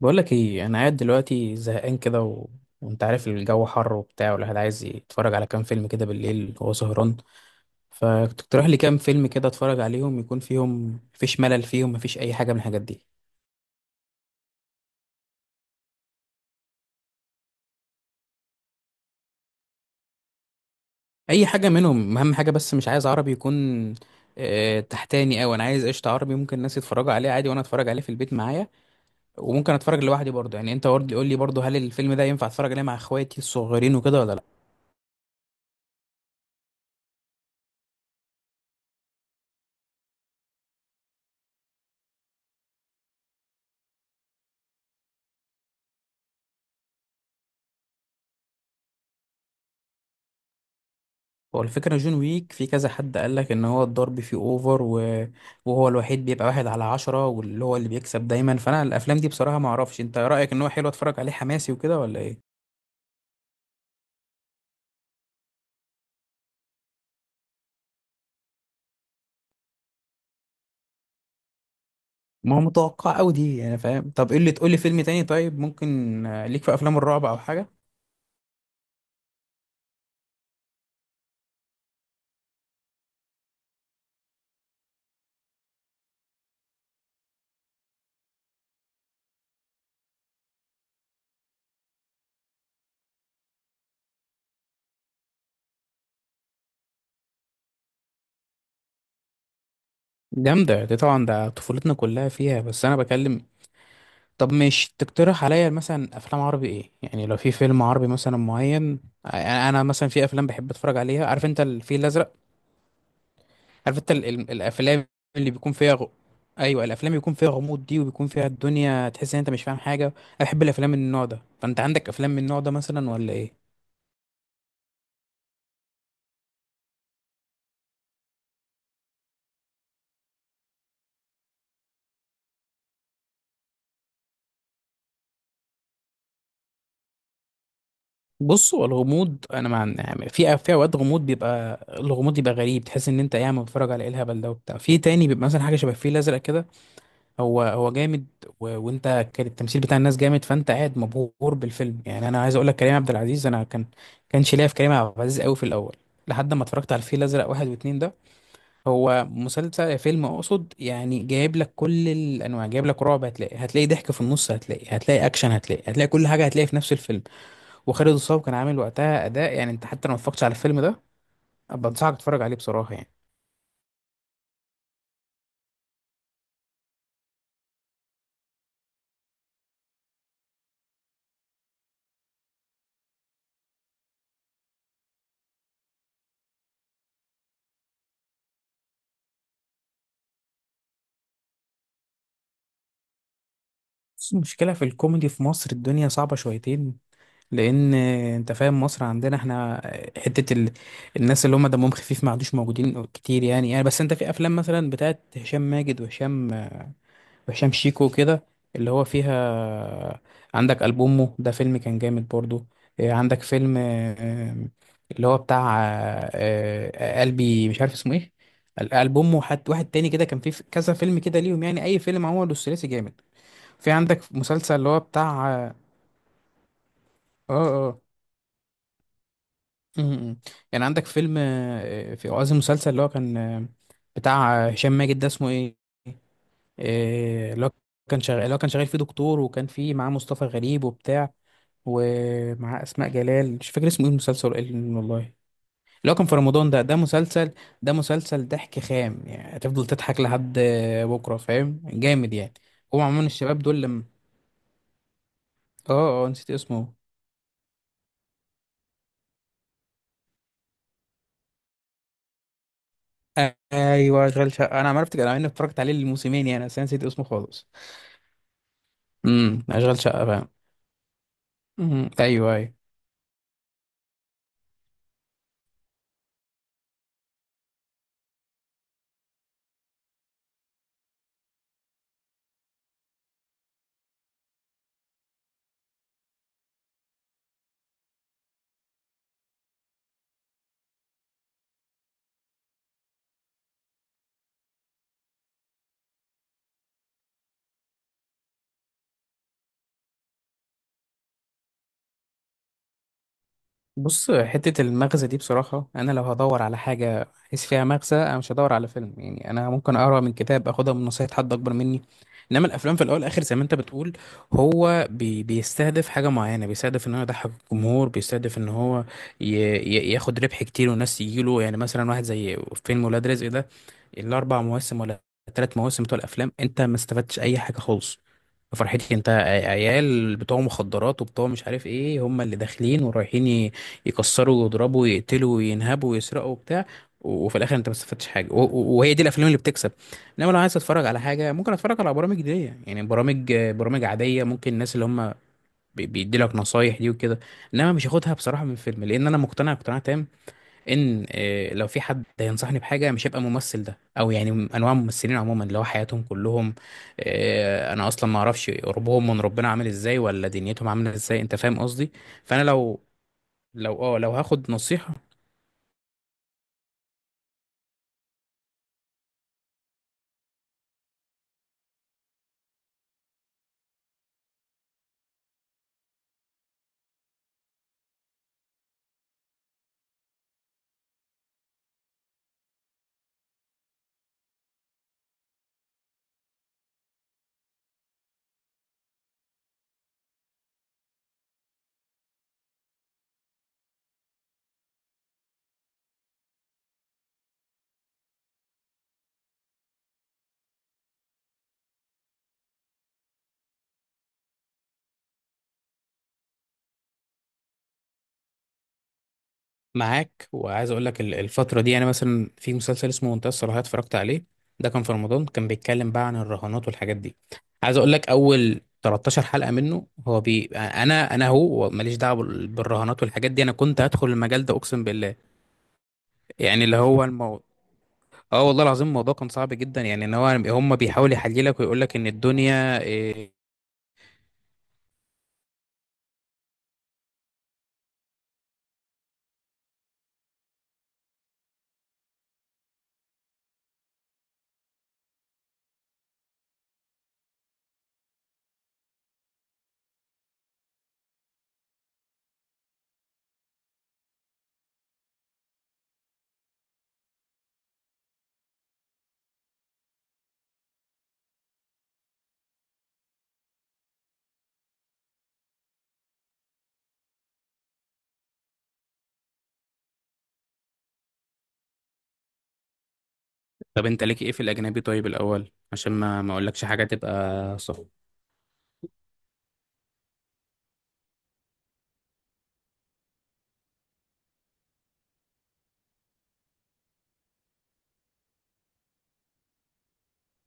بقولك ايه، انا قاعد دلوقتي زهقان كده. وانت عارف الجو حر وبتاع، والواحد عايز يتفرج على كام فيلم كده بالليل وهو سهران. فتقترح لي كام فيلم كده اتفرج عليهم، يكون فيهم مفيش ملل، فيهم مفيش اي حاجه من الحاجات دي. اي حاجه منهم، اهم حاجه بس مش عايز عربي يكون تحتاني، او انا عايز قشطه عربي ممكن الناس يتفرجوا عليه عادي وانا اتفرج عليه في البيت معايا. وممكن اتفرج لوحدي برضه، يعني انت برضه قول لي برضه، هل الفيلم ده ينفع اتفرج عليه مع اخواتي الصغيرين وكده ولا لا؟ هو الفكرة جون ويك، في كذا حد قال لك ان هو الضرب فيه اوفر وهو الوحيد بيبقى واحد على عشرة، واللي هو اللي بيكسب دايما، فانا الافلام دي بصراحة ما اعرفش انت رأيك ان هو حلو اتفرج عليه حماسي وكده ولا ايه؟ ما هو متوقع قوي دي يعني، فاهم. طب ايه اللي تقول لي فيلم تاني؟ طيب ممكن ليك في افلام الرعب او حاجة؟ جامدة دي طبعا، ده طفولتنا كلها فيها، بس انا بكلم. طب مش تقترح عليا مثلا افلام عربي ايه يعني؟ لو في فيلم عربي مثلا معين، انا مثلا في افلام بحب اتفرج عليها، عارف انت الفيل الازرق؟ عارف انت الافلام اللي بيكون فيها ايوه، الافلام بيكون فيها غموض دي، وبيكون فيها الدنيا تحس ان انت مش فاهم حاجه. انا بحب الافلام من النوع ده، فانت عندك افلام من النوع ده مثلا ولا ايه؟ بص، هو الغموض انا مع يعني، في اوقات غموض بيبقى الغموض بيبقى غريب، تحس ان انت قاعد بتتفرج على ايه الهبل ده وبتاع. في تاني بيبقى مثلا حاجه شبه الفيل الازرق كده، هو هو جامد. وانت كان التمثيل بتاع الناس جامد، فانت قاعد مبهور بالفيلم يعني. انا عايز اقول لك كريم عبد العزيز، انا كان كانش ليا في كريم عبد العزيز قوي في الاول، لحد ما اتفرجت على الفيل الازرق واحد واتنين ده. هو مسلسل، فيلم اقصد يعني، جايب لك كل الانواع، جايب لك رعب، هتلاقي ضحك في النص، هتلاقي اكشن، هتلاقي كل حاجه هتلاقي في نفس الفيلم. وخالد الصاوي كان عامل وقتها اداء، يعني انت حتى لو ما اتفرجتش على الفيلم ده، ابقى انصحك تتفرج عليه بصراحه يعني. بس المشكله في الكوميدي في مصر الدنيا صعبه شويتين، لان انت فاهم مصر عندنا احنا، حته الناس اللي هم دمهم خفيف ما عادوش موجودين كتير يعني بس انت في افلام مثلا بتاعت هشام ماجد وهشام شيكو كده، اللي هو فيها. عندك ألبومه ده، فيلم كان جامد برضو. عندك فيلم، اللي هو بتاع، قلبي مش عارف اسمه ايه. ألبومه حد واحد تاني كده، كان فيه في كذا فيلم كده ليهم يعني، أي فيلم عمله الثلاثي جامد. في عندك مسلسل اللي هو بتاع اه اه آه، م- م. يعني عندك فيلم في قصدي مسلسل اللي هو كان بتاع هشام ماجد ده اسمه ايه؟ اللي هو كان شغال فيه دكتور، وكان فيه معاه مصطفى غريب وبتاع، ومعاه اسماء جلال، مش فاكر اسمه ايه المسلسل، إيه والله. اللي هو كان في رمضان ده، ده مسلسل ضحك خام يعني، هتفضل تضحك لحد بكره، فاهم، جامد يعني. هو عموما الشباب دول لما اه نسيت اسمه. ايوه، اشغال شقه، انا عرفت انا اني اتفرجت عليه الموسمين يعني، بس أنا نسيت اسمه خالص. اشغال شقه فاهم. ايوه، ايوه. بص، حتة المغزى دي بصراحة، أنا لو هدور على حاجة أحس فيها مغزى، أنا مش هدور على فيلم يعني، أنا ممكن أقرأ من كتاب، أخدها من نصيحة حد أكبر مني. إنما الأفلام في الأول والآخر زي ما أنت بتقول، هو بيستهدف حاجة معينة، بيستهدف إن هو يضحك الجمهور، بيستهدف إن هو ي ي ياخد ربح كتير والناس يجيله يعني. مثلا واحد زي فيلم ولاد رزق ده، الأربع مواسم ولا التلات مواسم بتوع الأفلام، أنت ما استفدتش أي حاجة خالص. فرحتي انت، عيال بتوع مخدرات وبتوع مش عارف ايه، هم اللي داخلين ورايحين يكسروا ويضربوا ويقتلوا وينهبوا ويسرقوا وبتاع، وفي الاخر انت ما استفدتش حاجه، وهي دي الافلام اللي بتكسب. انما لو عايز اتفرج على حاجه، ممكن اتفرج على برامج دي يعني، برامج عاديه، ممكن الناس اللي هم بيدي لك نصايح دي وكده. انما مش هاخدها بصراحه من فيلم، لان انا مقتنع اقتناع تام ان لو في حد هينصحني بحاجه مش هيبقى الممثل ده، او يعني انواع الممثلين عموما، اللي هو حياتهم كلهم، انا اصلا ما اعرفش قربهم من ربنا عامل ازاي، ولا دنيتهم عامله ازاي، انت فاهم قصدي. فانا لو لو هاخد نصيحة، معاك. وعايز اقول لك الفترة دي، يعني مثلا في مسلسل اسمه منتهى الصراحة اتفرجت عليه، ده كان في رمضان، كان بيتكلم بقى عن الرهانات والحاجات دي. عايز اقول لك اول 13 حلقة منه، هو انا هو ماليش دعوة بالرهانات والحاجات دي، انا كنت هدخل المجال ده اقسم بالله. يعني اللي هو الموضوع، اه والله العظيم الموضوع كان صعب جدا يعني، ان هو هم بيحاول يحللك ويقول لك ان الدنيا. طب انت ليك ايه في الاجنبي طيب الاول عشان ما اقولكش حاجة تبقى صح.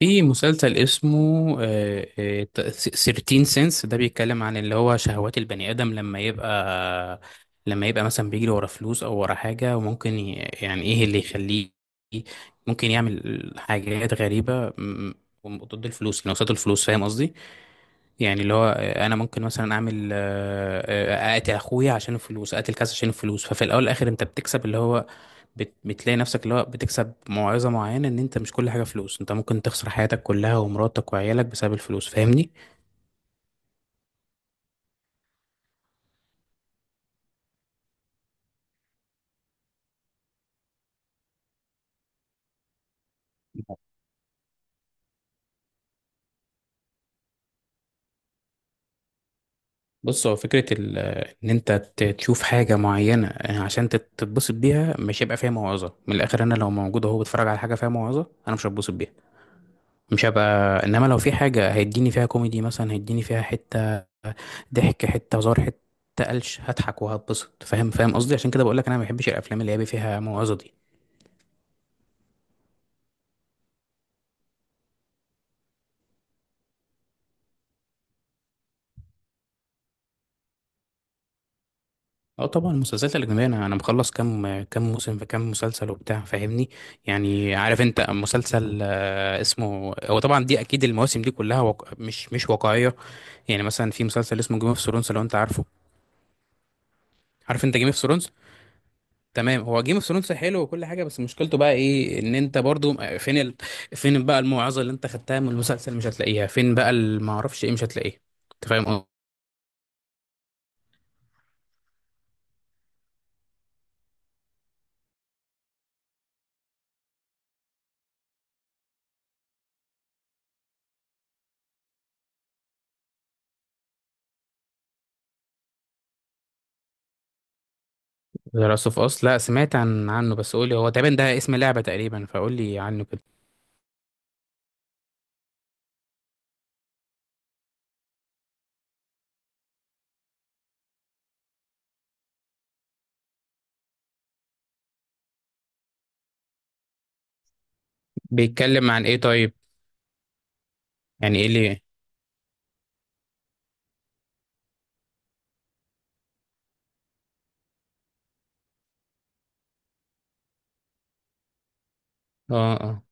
في مسلسل اسمه 13 سنس ده، بيتكلم عن اللي هو شهوات البني آدم لما يبقى، لما يبقى مثلا بيجري ورا فلوس او ورا حاجة، وممكن يعني ايه اللي يخليه ممكن يعمل حاجات غريبة ضد الفلوس، يعني قصاد الفلوس، فاهم قصدي؟ يعني اللي هو انا ممكن مثلا اعمل اقتل اخويا عشان الفلوس، اقتل كذا عشان الفلوس، ففي الاول والاخر انت بتكسب اللي هو بتلاقي نفسك اللي هو بتكسب موعظة معينة، ان انت مش كل حاجة فلوس، انت ممكن تخسر حياتك كلها ومراتك وعيالك بسبب الفلوس، فاهمني. بص، هو فكرة ان انت تشوف حاجة معينة عشان تتبسط بيها، مش هيبقى فيها موعظة من الاخر. انا لو موجود اهو بتفرج على حاجة فيها موعظة انا مش هتبسط بيها، مش هبقى. انما لو في حاجة هيديني فيها كوميدي مثلا، هيديني فيها حتة ضحك، حتة هزار، حتة قلش، هضحك وهتبسط، فاهم، فاهم قصدي؟ عشان كده بقول لك انا ما بحبش الافلام اللي هي فيها موعظة دي. اه طبعا، المسلسلات الاجنبيه انا مخلص كام كام موسم في كام مسلسل وبتاع، فاهمني. يعني عارف انت مسلسل اسمه، هو طبعا دي اكيد المواسم دي كلها مش واقعيه. يعني مثلا في مسلسل اسمه جيم اوف ثرونز، لو انت عارفه. عارف انت جيم اوف ثرونز؟ تمام، هو جيم اوف ثرونز حلو وكل حاجه، بس مشكلته بقى ايه؟ ان انت برضو فين فين بقى الموعظه اللي انت خدتها من المسلسل؟ مش هتلاقيها، فين بقى، ما اعرفش ايه، مش هتلاقيه. انت فاهم قصدي؟ ذا لاست اوف اس، لا سمعت عنه بس قولي، هو تقريبا ده اسم لعبه تقريبا، فقولي عنه كده. بيتكلم عن ايه طيب؟ يعني ايه اللي، اه اه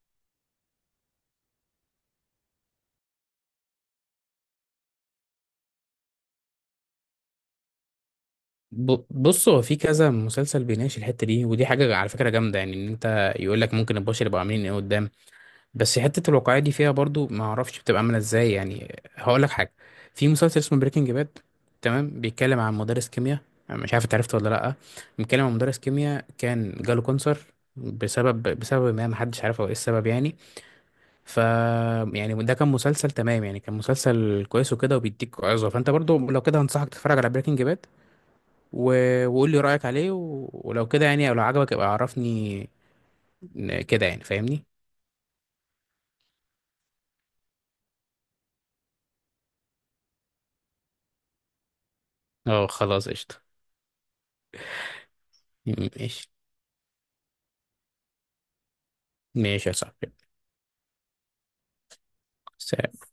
بص، هو في كذا مسلسل بيناقش الحته دي، ودي حاجه على فكره جامده يعني، ان انت يقول لك ممكن البشر يبقوا عاملين ايه قدام. بس حته الواقعيه دي فيها برضو، ما اعرفش بتبقى عامله ازاي يعني، هقول لك حاجه. في مسلسل اسمه بريكنج باد، تمام، بيتكلم عن مدرس كيمياء. أنا مش عارف انت عرفته ولا لا. بيتكلم عن مدرس كيمياء كان جاله كانسر، بسبب ما محدش عارف هو ايه السبب يعني. ف يعني ده كان مسلسل تمام يعني، كان مسلسل كويس وكده وبيديك عظة، فانت برضو لو كده هنصحك تتفرج على بريكنج باد، و... وقول لي رأيك عليه، ولو كده يعني، او لو عجبك ابقى عرفني كده يعني، فاهمني. اه خلاص، قشطة. ماشي. ماشي يا صاحبي. سلام.